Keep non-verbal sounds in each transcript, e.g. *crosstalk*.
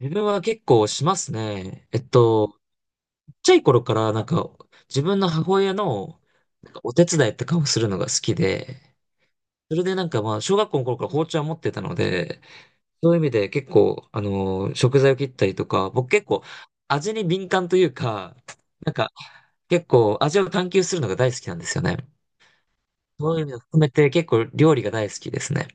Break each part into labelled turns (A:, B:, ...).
A: 自分は結構しますね。ちっちゃい頃からなんか自分の母親のなんかお手伝いとかをするのが好きで、それでなんかまあ小学校の頃から包丁は持ってたので、そういう意味で結構あの食材を切ったりとか、僕結構味に敏感というか、なんか結構味を探求するのが大好きなんですよね。そういう意味を含めて結構料理が大好きですね。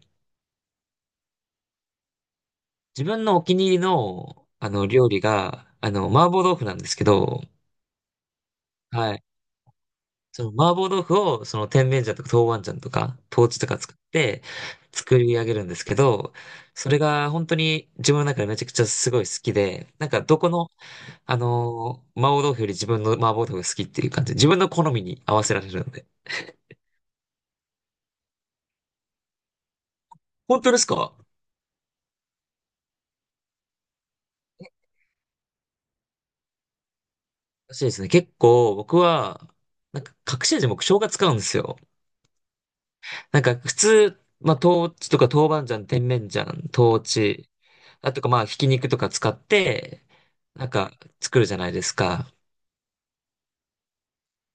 A: 自分のお気に入りのあの料理があの麻婆豆腐なんですけど、はい。その麻婆豆腐をその甜麺醤とか豆板醤とか豆豉とか使って作り上げるんですけど、それが本当に自分の中でめちゃくちゃすごい好きで、なんかどこの、麻婆豆腐より自分の麻婆豆腐が好きっていう感じで、自分の好みに合わせられるので。本当ですか？らしいですね。結構僕は、なんか隠し味僕生姜使うんですよ。なんか普通、まあ、豆腐とか豆板醤、甜麺醤、豆豉、あとかまあ、ひき肉とか使って、なんか作るじゃないですか。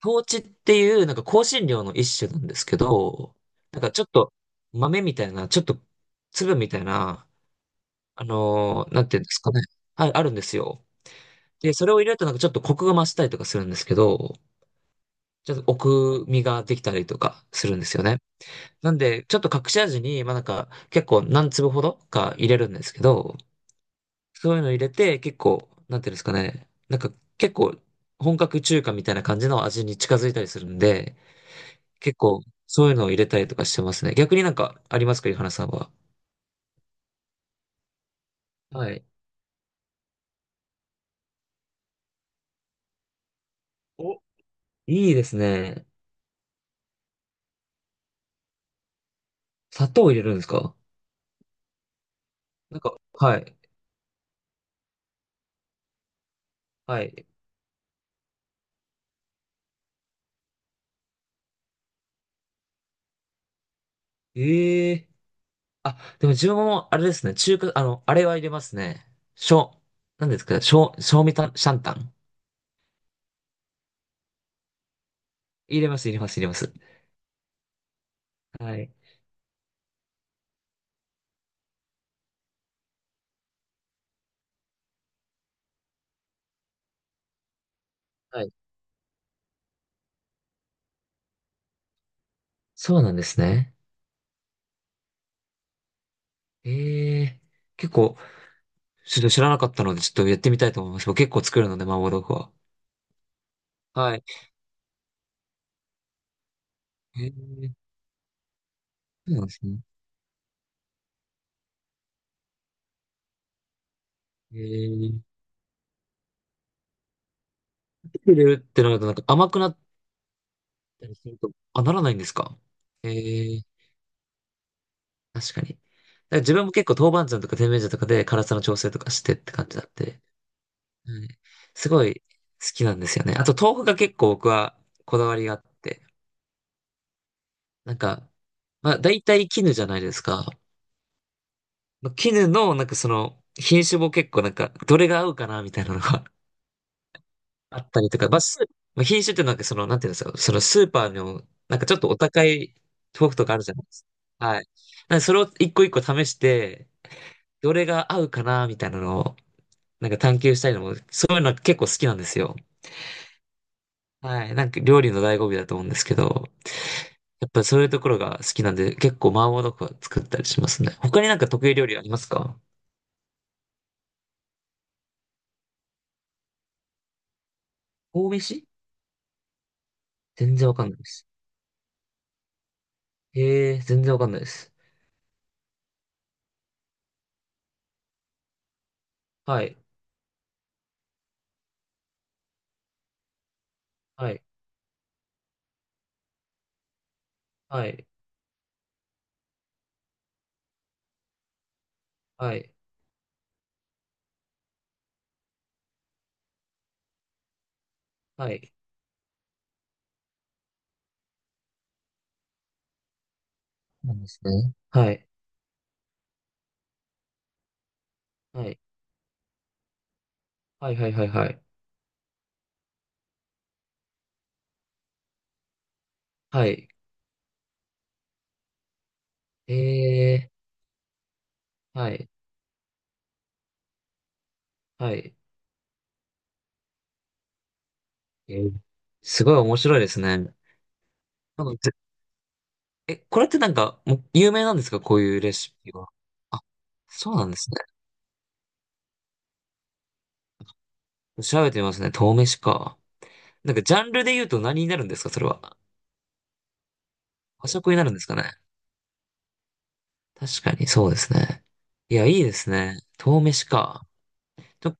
A: 豆豉っていうなんか香辛料の一種なんですけど、なんかちょっと豆みたいな、ちょっと粒みたいな、なんていうんですかね。あ、あるんですよ。で、それを入れるとなんかちょっとコクが増したりとかするんですけど、ちょっと奥みができたりとかするんですよね。なんで、ちょっと隠し味に、まあなんか、結構何粒ほどか入れるんですけど、そういうの入れて、結構、なんていうんですかね、なんか結構、本格中華みたいな感じの味に近づいたりするんで、結構、そういうのを入れたりとかしてますね。逆になんかありますか、井原さんは？はい。お、いいですね。砂糖入れるんですか？なんか、はい。はい。ええ、あ、でも自分もあれですね。中華、あれは入れますね。しょ、なんですか、しょ、しょうみた、シャンタン。入れます、入れます、入れます。はい。はい。そうなんですね。ええ、結構、ちょっと知らなかったので、ちょっとやってみたいと思います。僕結構作るので、麻婆豆腐は。はい。ええ、そうなんですね。ええ、入れるってなると、なんか甘くなったりすると、あ、ならないんですか？ええ、確かに。だから自分も結構豆板醤とか甜麺醤とかで辛さの調整とかしてって感じだって、はい、すごい好きなんですよね。あと豆腐が結構僕はこだわりがあって、なんか、まあ、大体絹じゃないですか。ま絹の、なんかその、品種も結構なんか、どれが合うかな、みたいなのが *laughs* あったりとか、まあ、まあ、品種ってなんかその、なんていうんですか、そのスーパーの、なんかちょっとお高い豆腐とかあるじゃないですか。はい。なんでそれを一個一個試して、どれが合うかな、みたいなのを、なんか探求したいのも、そういうの結構好きなんですよ。はい。なんか料理の醍醐味だと思うんですけど、やっぱそういうところが好きなんで、結構麻婆豆腐は作ったりしますね。他になんか得意料理ありますか？神戸市、全然わかんないです。へえ、全然わかんないです。はい、はい、はい、はい、はい。そうなんですね。はい、はい、はい、はい、はい、はい。はい。へえ、はい、はい。えーすごい面白いですね。なんかこれってなんか、もう有名なんですかこういうレシピは？あ、そうなんですね。調べてみますね。豆飯か。なんかジャンルで言うと何になるんですかそれは？和食になるんですかね？確かに、そうですね。いや、いいですね。豆飯か。と、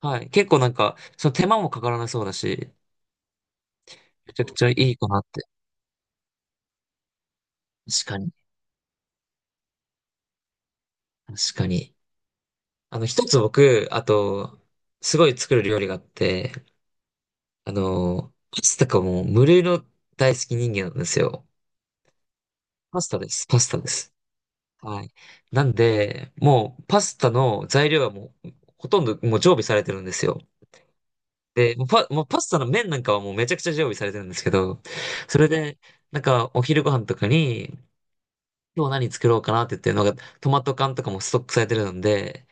A: はい。結構なんか、その手間もかからなそうだし、めちゃくちゃいいかなって。確かに。確かに。一つ僕、あと、すごい作る料理があって、パスタかもう無類の大好き人間なんですよ。パスタです。パスタです。はい。なんで、もうパスタの材料はもう、ほとんどもう常備されてるんですよ。で、もうパスタの麺なんかはもうめちゃくちゃ常備されてるんですけど、それで、なんかお昼ご飯とかに、今日何作ろうかなって言ってるのが、トマト缶とかもストックされてるので、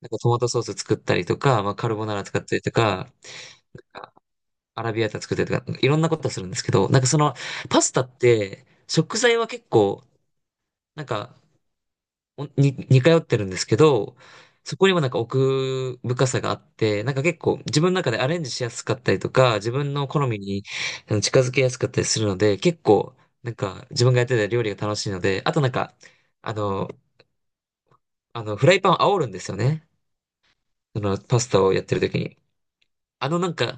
A: なんかトマトソース作ったりとか、まあ、カルボナーラ作ったりとか、アラビアータ作ったりとか、なんかいろんなことするんですけど、なんかその、パスタって、食材は結構、なんか、おに、似通ってるんですけど、そこにもなんか奥深さがあって、なんか結構自分の中でアレンジしやすかったりとか、自分の好みに近づけやすかったりするので、結構、なんか自分がやってた料理が楽しいので、あとなんか、あの、フライパンを煽るんですよね。その、パスタをやってる時に。なんか、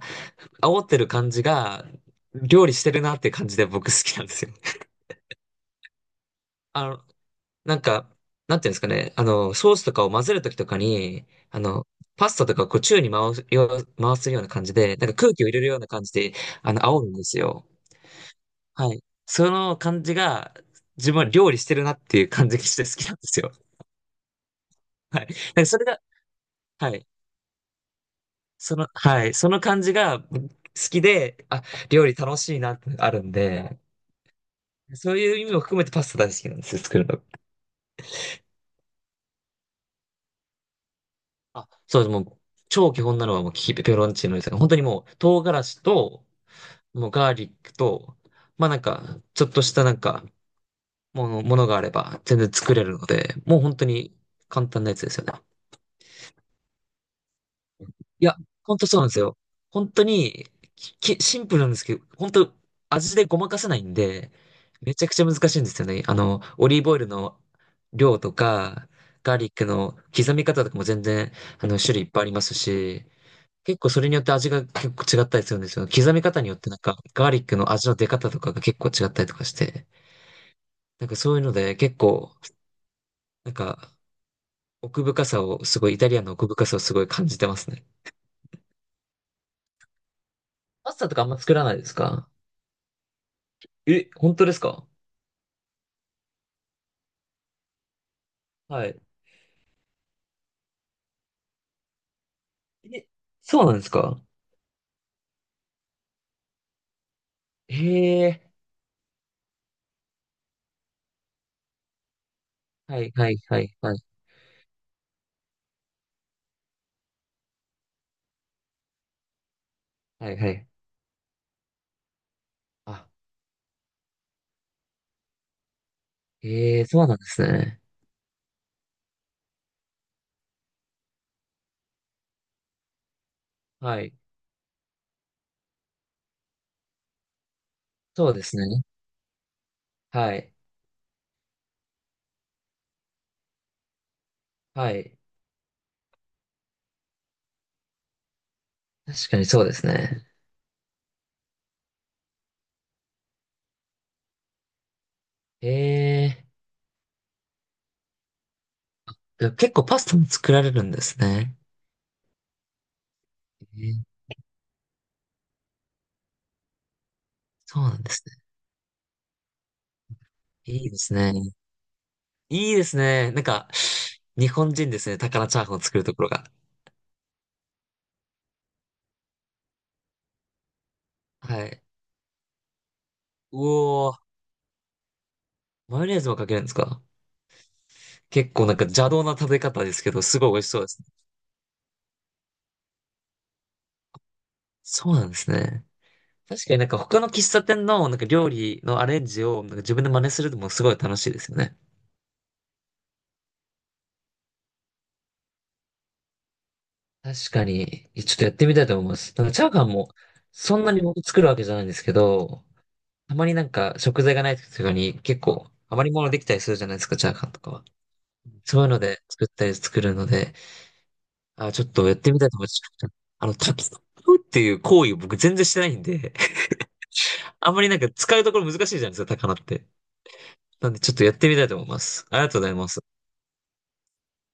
A: 煽ってる感じが、料理してるなって感じで僕好きなんですよ。あの、なんか、なんていうんですかね、ソースとかを混ぜるときとかに、パスタとかをこう宙に回すような感じで、なんか空気を入れるような感じで、煽るんですよ。はい。その感じが、自分は料理してるなっていう感じがして好きなんですよ。はい。なんかそれが、はい。その、はい、その感じが好きで、あ、料理楽しいなってあるんで、そういう意味も含めてパスタ大好きなんですよ、作るの。あ、そうです。もう、超基本なのはもうキペペロンチーノですが、本当にもう、唐辛子と、もうガーリックと、まあなんか、ちょっとしたなんか、ものがあれば全然作れるので、もう本当に簡単なやつですよね。いや、ほんとそうなんですよ。本当に、き、シンプルなんですけど、本当味でごまかせないんで、めちゃくちゃ難しいんですよね。オリーブオイルの量とか、ガーリックの刻み方とかも全然、種類いっぱいありますし、結構それによって味が結構違ったりするんですよ。刻み方によってなんか、ガーリックの味の出方とかが結構違ったりとかして、なんかそういうので結構、なんか、奥深さを、すごい、イタリアンの奥深さをすごい感じてますね。パスタとかあんま作らないですか？え、本当ですか？はい。え、そうなんですか？へえ、はい、はい、はい、はい、はい、はい。あ、へえ、そうなんですね。はい。そうですね。はい、はい。確かにそうですね。へえ、結構パスタも作られるんですね。へー、そうなんですね。いいですね。いいですね。なんか、日本人ですね。高菜チャーハンを作るところが。はい。うおー、マヨネーズもかけるんですか？結構なんか邪道な食べ方ですけど、すごい美味しそうです。そうなんですね。確かになんか他の喫茶店のなんか料理のアレンジをなんか自分で真似するのもすごい楽しいですよね。確かに、ちょっとやってみたいと思います。なんかチャーハンもそんなに僕作るわけじゃないんですけど、たまになんか食材がない時とかに結構余り物できたりするじゃないですか、チャーハンとかは。そういうので作ったり作るので、あ、ちょっとやってみたいと思います。炊き込むっていう行為を僕全然してないんで、*laughs* あんまりなんか使うところ難しいじゃないですか、高菜って。なんでちょっとやってみたいと思います。ありがとうございます。